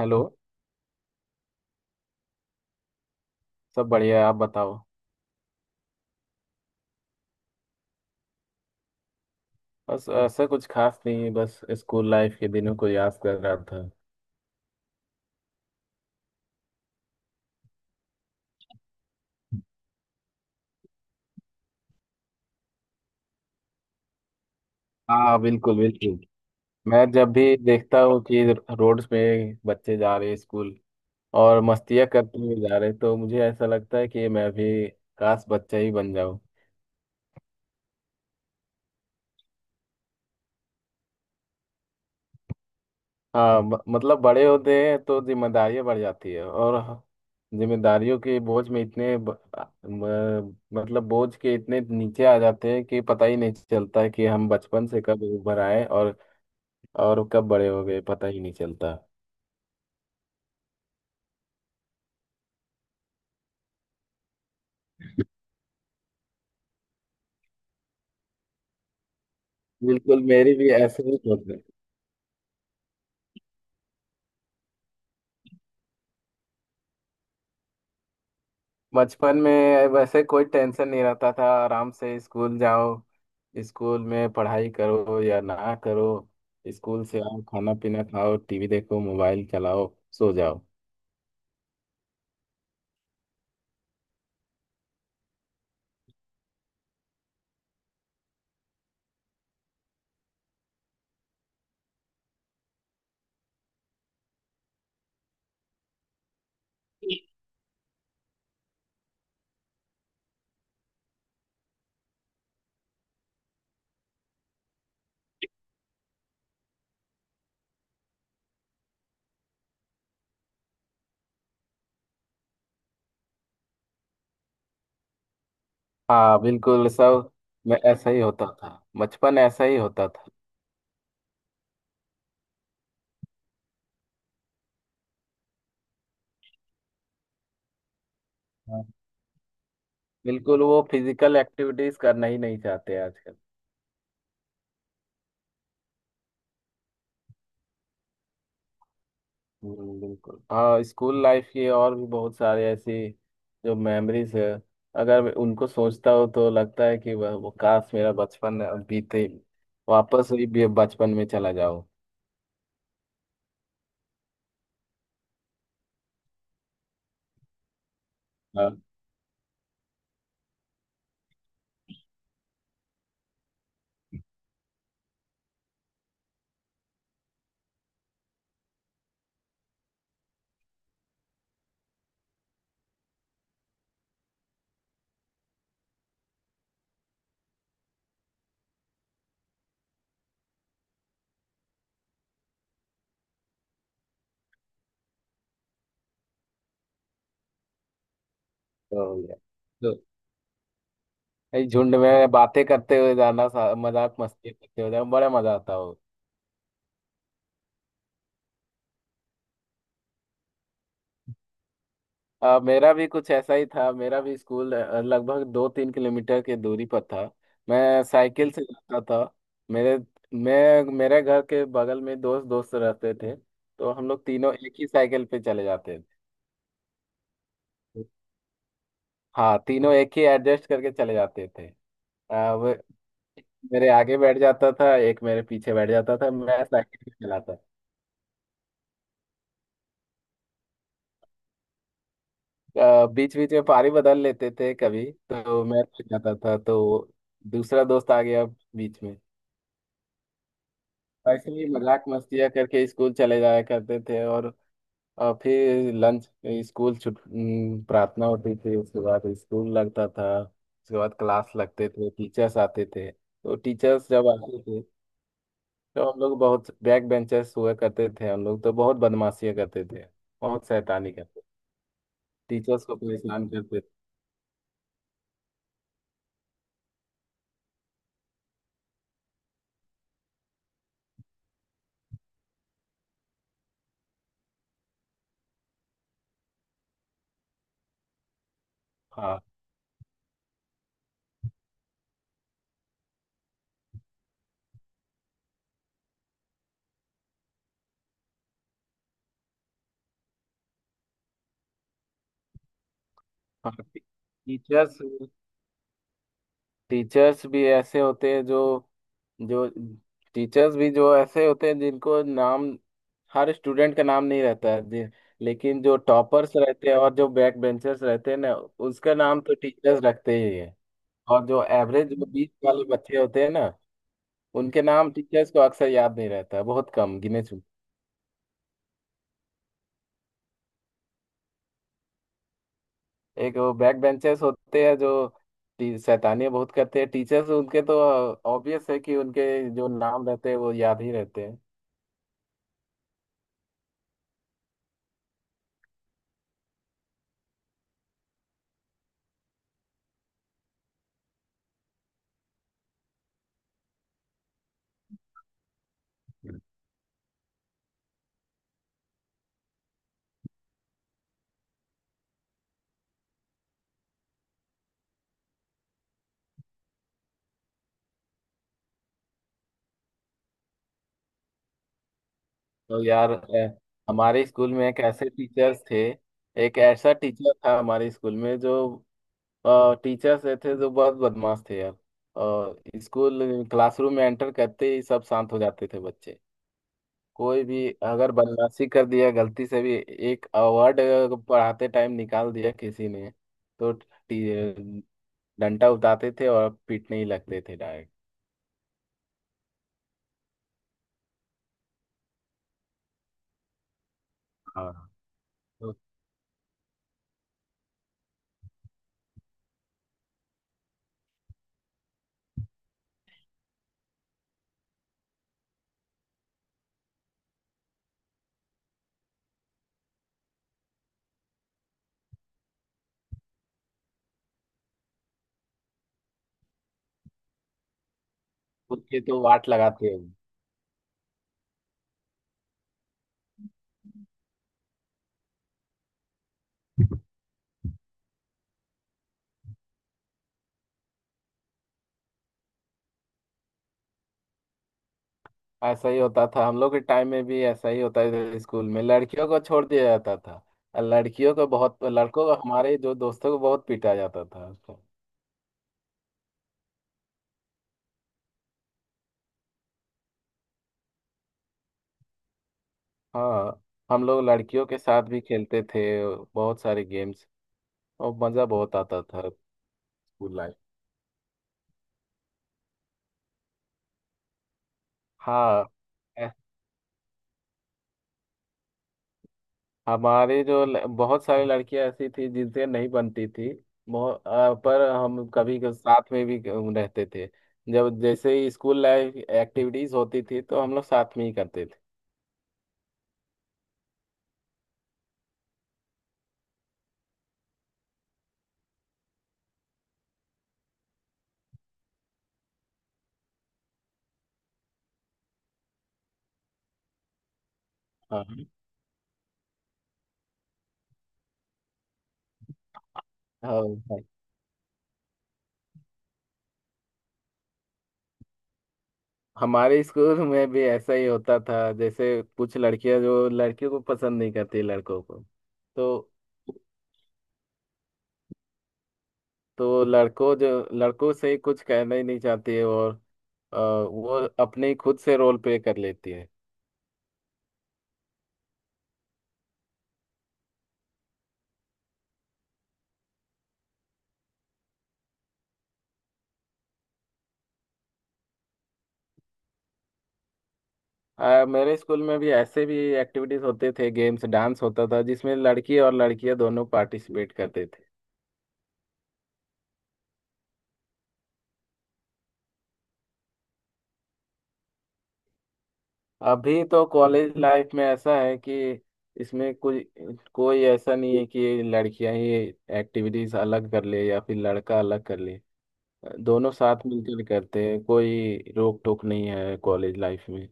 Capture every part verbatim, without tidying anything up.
Hello. सब बढ़िया है, आप बताओ। बस ऐसा कुछ खास नहीं, बस स्कूल लाइफ के दिनों को याद कर रहा था। हाँ, बिल्कुल बिल्कुल मैं जब भी देखता हूँ कि रोड्स पे बच्चे जा रहे हैं स्कूल, और मस्तियाँ करते हुए जा रहे हैं, तो मुझे ऐसा लगता है कि मैं भी काश बच्चा ही बन जाऊँ। हाँ, म- मतलब बड़े होते हैं तो जिम्मेदारियां बढ़ जाती है, और ह- जिम्मेदारियों के बोझ में इतने ब, म, मतलब बोझ के इतने नीचे आ जाते हैं कि पता ही नहीं चलता है कि हम बचपन से कब उभर आए, और और कब बड़े हो गए पता ही नहीं चलता। बिल्कुल, मेरी भी ऐसे ही होता है। बचपन में वैसे कोई टेंशन नहीं रहता था, आराम से स्कूल जाओ, स्कूल में पढ़ाई करो या ना करो, स्कूल से आओ, खाना पीना खाओ, टीवी देखो, मोबाइल चलाओ, सो जाओ। हाँ, बिल्कुल सब। मैं ऐसा ही होता था, बचपन ऐसा ही होता था। हाँ, बिल्कुल वो फिजिकल एक्टिविटीज करना ही नहीं चाहते आजकल। हम्म, बिल्कुल। हाँ, स्कूल लाइफ की और भी बहुत सारे ऐसी जो मेमोरीज है, अगर मैं उनको सोचता हूँ तो लगता है कि वह वो काश मेरा बचपन बीते, वापस वही बे- बचपन में चला जाओ। हाँ। तो ये- तो ये झुंड में बातें करते हुए जाना, सा- मजाक मस्ती करते हुए जाना, बड़ा मजा आता हो। अ, मेरा भी कुछ ऐसा ही था। मेरा भी स्कूल अ, लगभग दो तीन किलोमीटर की दूरी पर था। मैं साइकिल से जाता था। मेरे मैं मेरे घर के बगल में दोस्त दोस्त रहते थे, तो हम लोग तीनों एक ही साइकिल पे चले जाते थे। हाँ, तीनों एक ही एडजस्ट करके चले जाते थे। अ, वो मेरे आगे बैठ जाता था, एक मेरे पीछे बैठ जाता था, मैं साइकिल पे चलाता था। बीच बीच में पारी बदल लेते थे, कभी तो मैं चल जाता था तो दूसरा दोस्त आ गया बीच में। ऐसे ही मजाक मस्तियाँ करके स्कूल चले जाया करते थे, और और फिर लंच, स्कूल छुट। हम्म, प्रार्थना होती थी, उसके बाद स्कूल लगता था, उसके बाद क्लास लगते थे, टीचर्स आते थे, तो टीचर्स जब आते थे तो हम लोग बहुत बैक बेंचर्स हुआ करते थे। हम लोग तो बहुत बदमाशियाँ करते थे, बहुत शैतानी करते, टीचर्स को परेशान करते थे। हाँ। हाँ टीचर्स टीचर्स भी ऐसे होते हैं जो जो टीचर्स भी जो ऐसे होते हैं जिनको नाम, हर स्टूडेंट का नाम नहीं रहता है जी, लेकिन जो टॉपर्स रहते हैं और जो बैक बेंचर्स रहते हैं ना, उसका नाम तो टीचर्स रखते ही है। और जो एवरेज जो बीच वाले बच्चे होते हैं ना, उनके नाम टीचर्स को अक्सर याद नहीं रहता है, बहुत कम गिने चुने। एक वो बैक बेंचर्स होते हैं जो, टी- शैतानियां बहुत करते हैं, टीचर्स उनके तो ऑब्वियस है कि उनके जो नाम रहते हैं वो याद ही रहते हैं। तो यार, अ, हमारे स्कूल में एक ऐसे टीचर्स थे, एक ऐसा टीचर था हमारे स्कूल में, जो टीचर्स थे जो बहुत बदमाश थे यार। और स्कूल क्लासरूम में एंटर करते ही सब शांत हो जाते थे बच्चे। कोई भी अगर बदमाशी कर दिया गलती से भी, एक वर्ड पढ़ाते टाइम निकाल दिया किसी ने, तो टी- डंडा उठाते थे और पीटने ही लगते थे डायरेक्ट। हाँ। तो खुद के तो वाट लगाते हैं। ऐसा ही होता था, हम लोग के टाइम में भी ऐसा ही होता था, स्कूल में लड़कियों को छोड़ दिया जाता था, और लड़कियों को बहुत, लड़कों को, हमारे जो दोस्तों को बहुत पीटा जाता था। हाँ। हम लोग लड़कियों के साथ भी खेलते थे, बहुत सारे गेम्स, और मज़ा बहुत आता था। School life. हाँ। ऐ- हमारे जो ल- बहुत सारी लड़कियां ऐसी थी जिनसे नहीं बनती थी, बहुत। पर हम कभी क- साथ में भी क- रहते थे, जब जैसे ही स्कूल लाइफ एक्टिविटीज होती थी तो हम लोग साथ में ही करते थे। हाँ। हाँ भाई। हमारे स्कूल में भी ऐसा ही होता था, जैसे कुछ लड़कियां जो लड़कियों को पसंद नहीं करती लड़कों को, तो तो लड़कों, जो लड़कों से कुछ कहना ही नहीं चाहती है, और अ, वो अपने ही खुद से रोल प्ले कर लेती है। अ, मेरे स्कूल में भी ऐसे भी एक्टिविटीज होते थे, गेम्स, डांस होता था, जिसमें लड़की और लड़कियां दोनों पार्टिसिपेट करते थे। अभी तो कॉलेज लाइफ में ऐसा है कि इसमें कोई कोई ऐसा नहीं है कि लड़कियां ही एक्टिविटीज अलग कर ले, या फिर लड़का अलग कर ले, दोनों साथ मिलकर करते हैं, कोई रोक टोक नहीं है कॉलेज लाइफ में।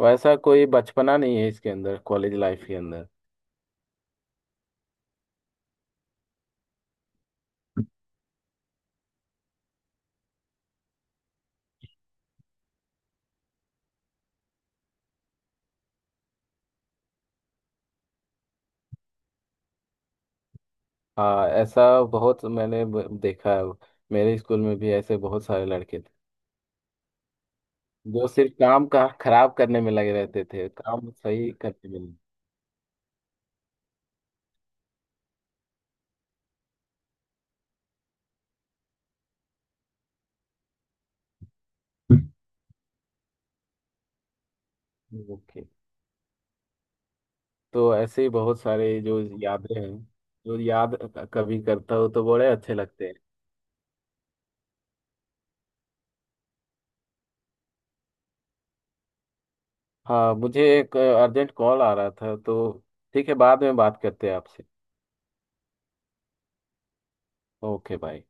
वैसा कोई बचपना नहीं है इसके अंदर, कॉलेज लाइफ के अंदर। हाँ, ऐसा बहुत मैंने ब- देखा है। मेरे स्कूल में भी ऐसे बहुत सारे लड़के थे जो सिर्फ काम का खराब करने में लगे रहते थे, काम सही करने में नहीं। ओके। तो ऐसे ही बहुत सारे जो यादें हैं, जो याद कभी करता हो तो बड़े अच्छे लगते हैं। हाँ, मुझे एक अर्जेंट कॉल आ रहा था तो, ठीक है बाद में बात करते हैं आपसे। Okay, bye.